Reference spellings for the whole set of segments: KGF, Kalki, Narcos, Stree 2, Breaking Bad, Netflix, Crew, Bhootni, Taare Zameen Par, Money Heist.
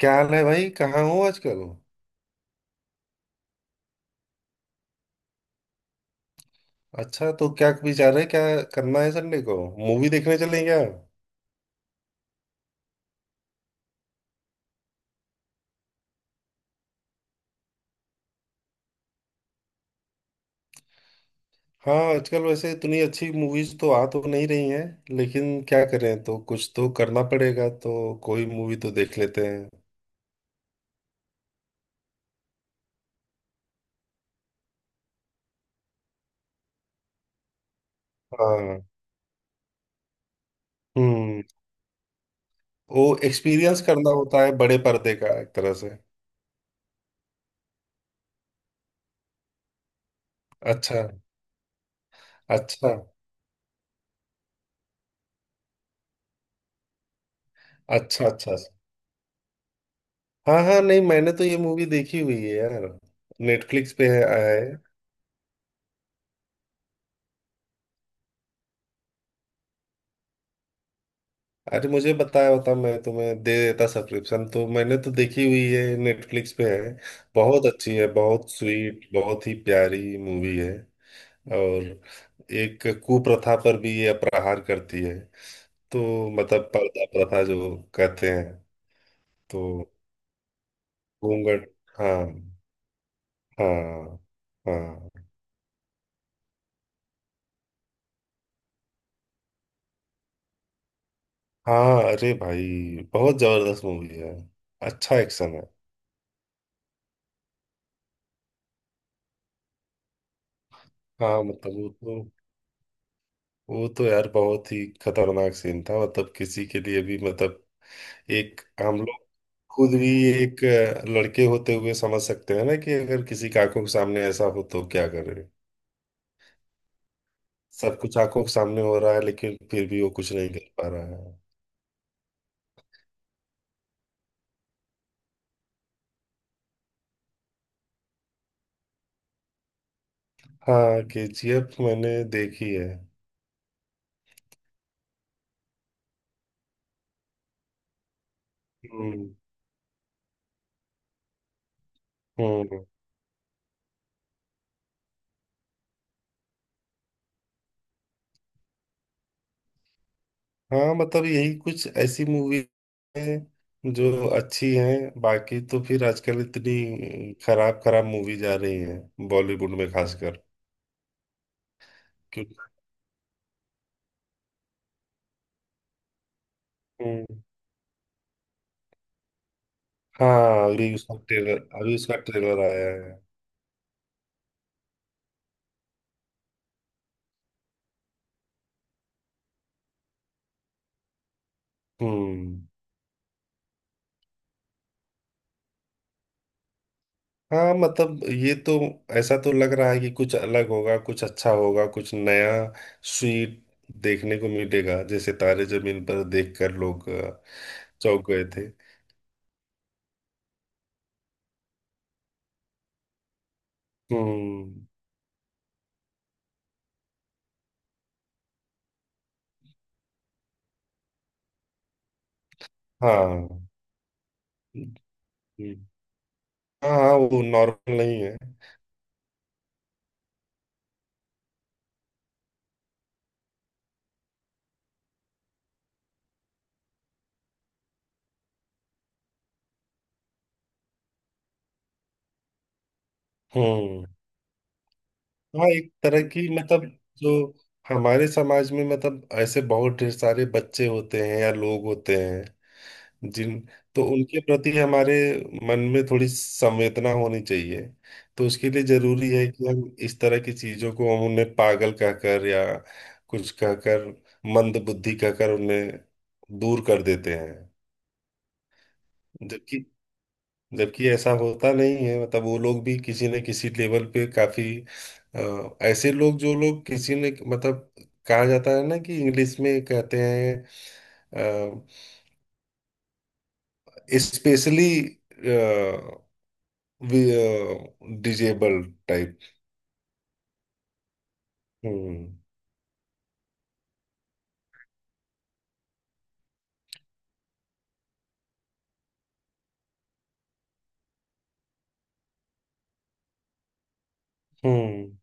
क्या हाल है भाई? कहाँ हो आजकल? अच्छा, तो क्या विचार है? क्या करना है संडे को? मूवी देखने चलें क्या? हाँ, आजकल वैसे इतनी अच्छी मूवीज तो आ तो नहीं रही हैं, लेकिन क्या करें, तो कुछ तो करना पड़ेगा, तो कोई मूवी तो देख लेते हैं। हाँ। हम्म वो एक्सपीरियंस करना होता है बड़े पर्दे का एक तरह से। अच्छा। अच्छा। अच्छा, अच्छा। हाँ, हाँ, नहीं मैंने तो ये मूवी देखी हुई है यार, नेटफ्लिक्स पे है, आया है। अरे मुझे बताया होता, मैं तुम्हें दे देता सब्सक्रिप्शन, तो मैंने तो देखी हुई है, नेटफ्लिक्स पे है। बहुत अच्छी है, बहुत स्वीट, बहुत ही प्यारी मूवी है। और एक कुप्रथा पर भी ये प्रहार करती है तो, मतलब पर्दा प्रथा जो कहते हैं, तो घूंघट। हाँ। हाँ। हाँ। हाँ, अरे भाई, बहुत जबरदस्त मूवी है। अच्छा एक्शन है। हाँ, मतलब वो तो यार बहुत ही खतरनाक सीन था, मतलब किसी के लिए भी, मतलब एक हम लोग खुद भी, एक लड़के होते हुए समझ सकते हैं ना कि अगर किसी की आंखों के सामने ऐसा हो तो क्या करे। सब कुछ आंखों के सामने हो रहा है, लेकिन फिर भी वो कुछ नहीं कर पा रहा है। हाँ, केजीएफ मैंने देखी है। हम्म। हम्म। हाँ, मतलब यही कुछ ऐसी मूवी है जो अच्छी हैं, बाकी तो फिर आजकल इतनी खराब खराब मूवीज आ रही हैं बॉलीवुड में खासकर। हम्म। हाँ, अभी उसका ट्रेलर आया है। हम्म। हाँ, मतलब ये तो ऐसा तो लग रहा है कि कुछ अलग होगा, कुछ अच्छा होगा, कुछ नया, स्वीट देखने को मिलेगा। जैसे तारे जमीन पर देखकर लोग चौंक गए थे। हम्म। हाँ। हम्म, हाँ, हाँ, वो नॉर्मल नहीं है। हम्म। हाँ, एक तरह की मतलब, जो हमारे समाज में, मतलब ऐसे बहुत ढेर सारे बच्चे होते हैं या लोग होते हैं, जिन, तो उनके प्रति हमारे मन में थोड़ी संवेदना होनी चाहिए। तो उसके लिए जरूरी है कि हम इस तरह की चीजों को, हम उन्हें पागल कहकर या कुछ कहकर, मंद बुद्धि कहकर उन्हें दूर कर देते हैं। जबकि, ऐसा होता नहीं है, मतलब वो लोग भी किसी न किसी लेवल पे काफी, ऐसे लोग, जो लोग किसी ने, मतलब कहा जाता है ना कि इंग्लिश में कहते हैं, स्पेशली डिजेबल टाइप। हम्म। हम्म।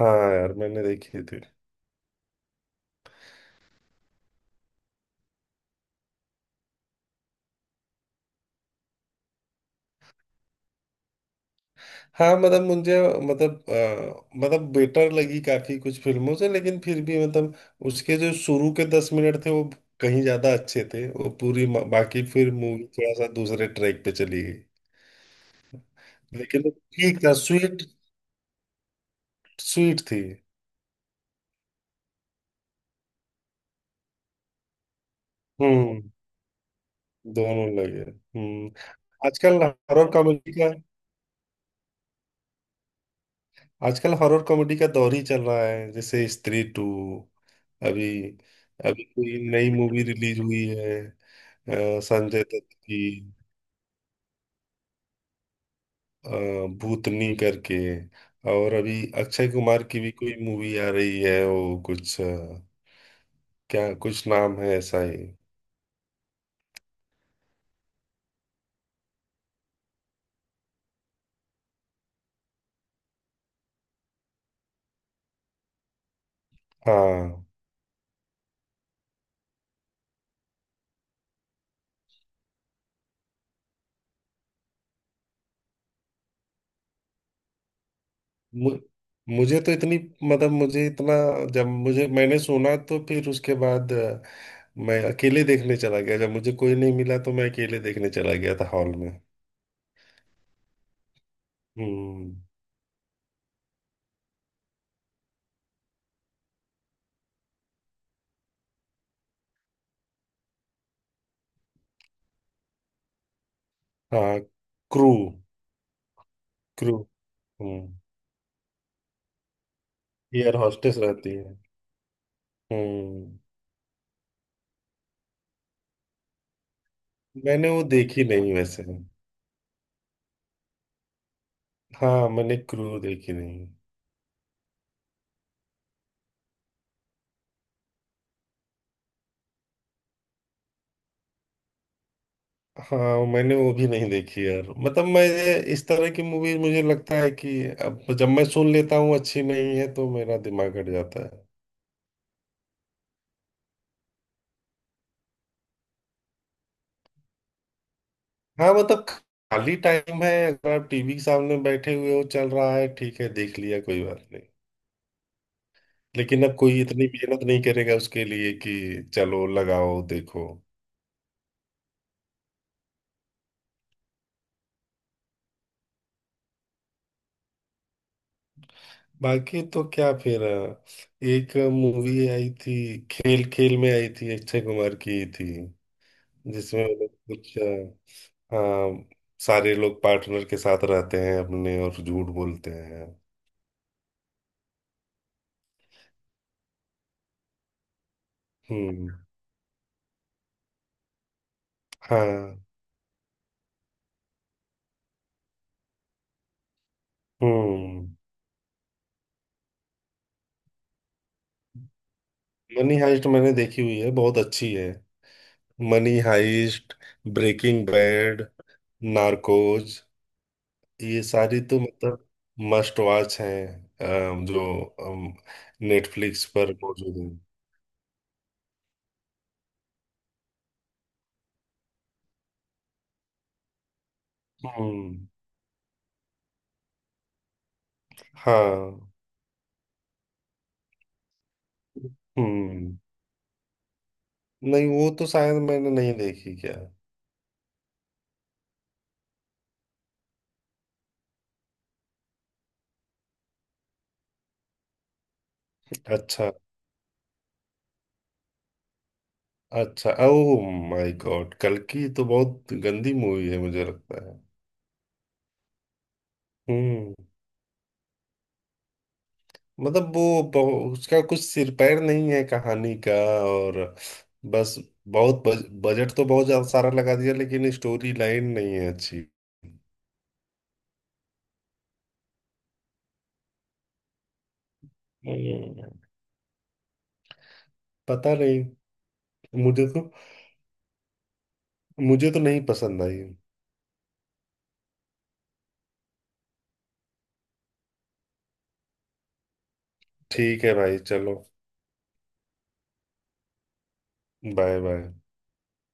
हाँ यार, मैंने देखी थी। हाँ, मतलब मुझे, मतलब मतलब बेटर लगी काफी कुछ फिल्मों से, लेकिन फिर भी, मतलब उसके जो शुरू के 10 मिनट थे वो कहीं ज्यादा अच्छे थे। वो पूरी बाकी फिर मूवी थोड़ा सा दूसरे ट्रैक पे चली गई। लेकिन वो ठीक था, स्वीट, स्वीट थी। हम्म, दोनों लगे। हम्म। आजकल हॉरर कॉमेडी का आजकल हॉरर कॉमेडी का दौर ही चल रहा है, जैसे स्त्री टू, अभी। अभी कोई नई मूवी रिलीज हुई है संजय दत्त की, अ, भूतनी करके। और अभी अक्षय कुमार की भी कोई मूवी आ रही है, वो कुछ क्या कुछ नाम है ऐसा ही। हाँ, मु- मुझे तो इतनी, मतलब मुझे इतना, जब मुझे मैंने सुना तो फिर उसके बाद मैं अकेले देखने चला गया। जब मुझे कोई नहीं मिला तो मैं अकेले देखने चला गया था हॉल में। हम्म। हाँ, क्रू। क्रू। हम्म, एयर हॉस्टेस रहती है। हम्म। मैंने वो देखी नहीं वैसे। हाँ, मैंने क्रू देखी नहीं। हाँ, मैंने वो भी नहीं देखी यार, मतलब मैं इस तरह की मूवीज मुझे लगता है कि अब जब मैं सुन लेता हूँ अच्छी नहीं है तो मेरा दिमाग हट जाता है। हाँ, मतलब खाली टाइम है, अगर आप टीवी के सामने बैठे हुए हो, चल रहा है, ठीक है, देख लिया, कोई बात नहीं। लेकिन अब कोई इतनी मेहनत नहीं करेगा उसके लिए कि चलो लगाओ देखो। बाकी तो क्या फिर एक मूवी आई थी, खेल खेल में आई थी, अक्षय कुमार की थी। जिसमें वो लोग कुछ, हाँ, सारे लोग पार्टनर के साथ रहते हैं अपने और झूठ बोलते हैं। हम्म। हाँ। हम्म। मनी हाइस्ट मैंने देखी हुई है, बहुत अच्छी है। Money heist, breaking bad, narcos, ये सारी तो मतलब मस्ट वॉच हैं, जो नेटफ्लिक्स पर मौजूद है। हम्म। हाँ। हम्म। नहीं, वो तो शायद मैंने नहीं देखी क्या। अच्छा, अच्छा, ओ माय गॉड, कल्कि तो बहुत गंदी मूवी है मुझे लगता है। हम्म। मतलब वो उसका कुछ सिर पैर नहीं है कहानी का, और बस, बहुत बजट तो बहुत ज्यादा सारा लगा दिया, लेकिन स्टोरी लाइन नहीं है अच्छी। हम्म, पता नहीं, मुझे तो मुझे तो नहीं पसंद आई। ठीक है भाई, चलो। Bye, bye.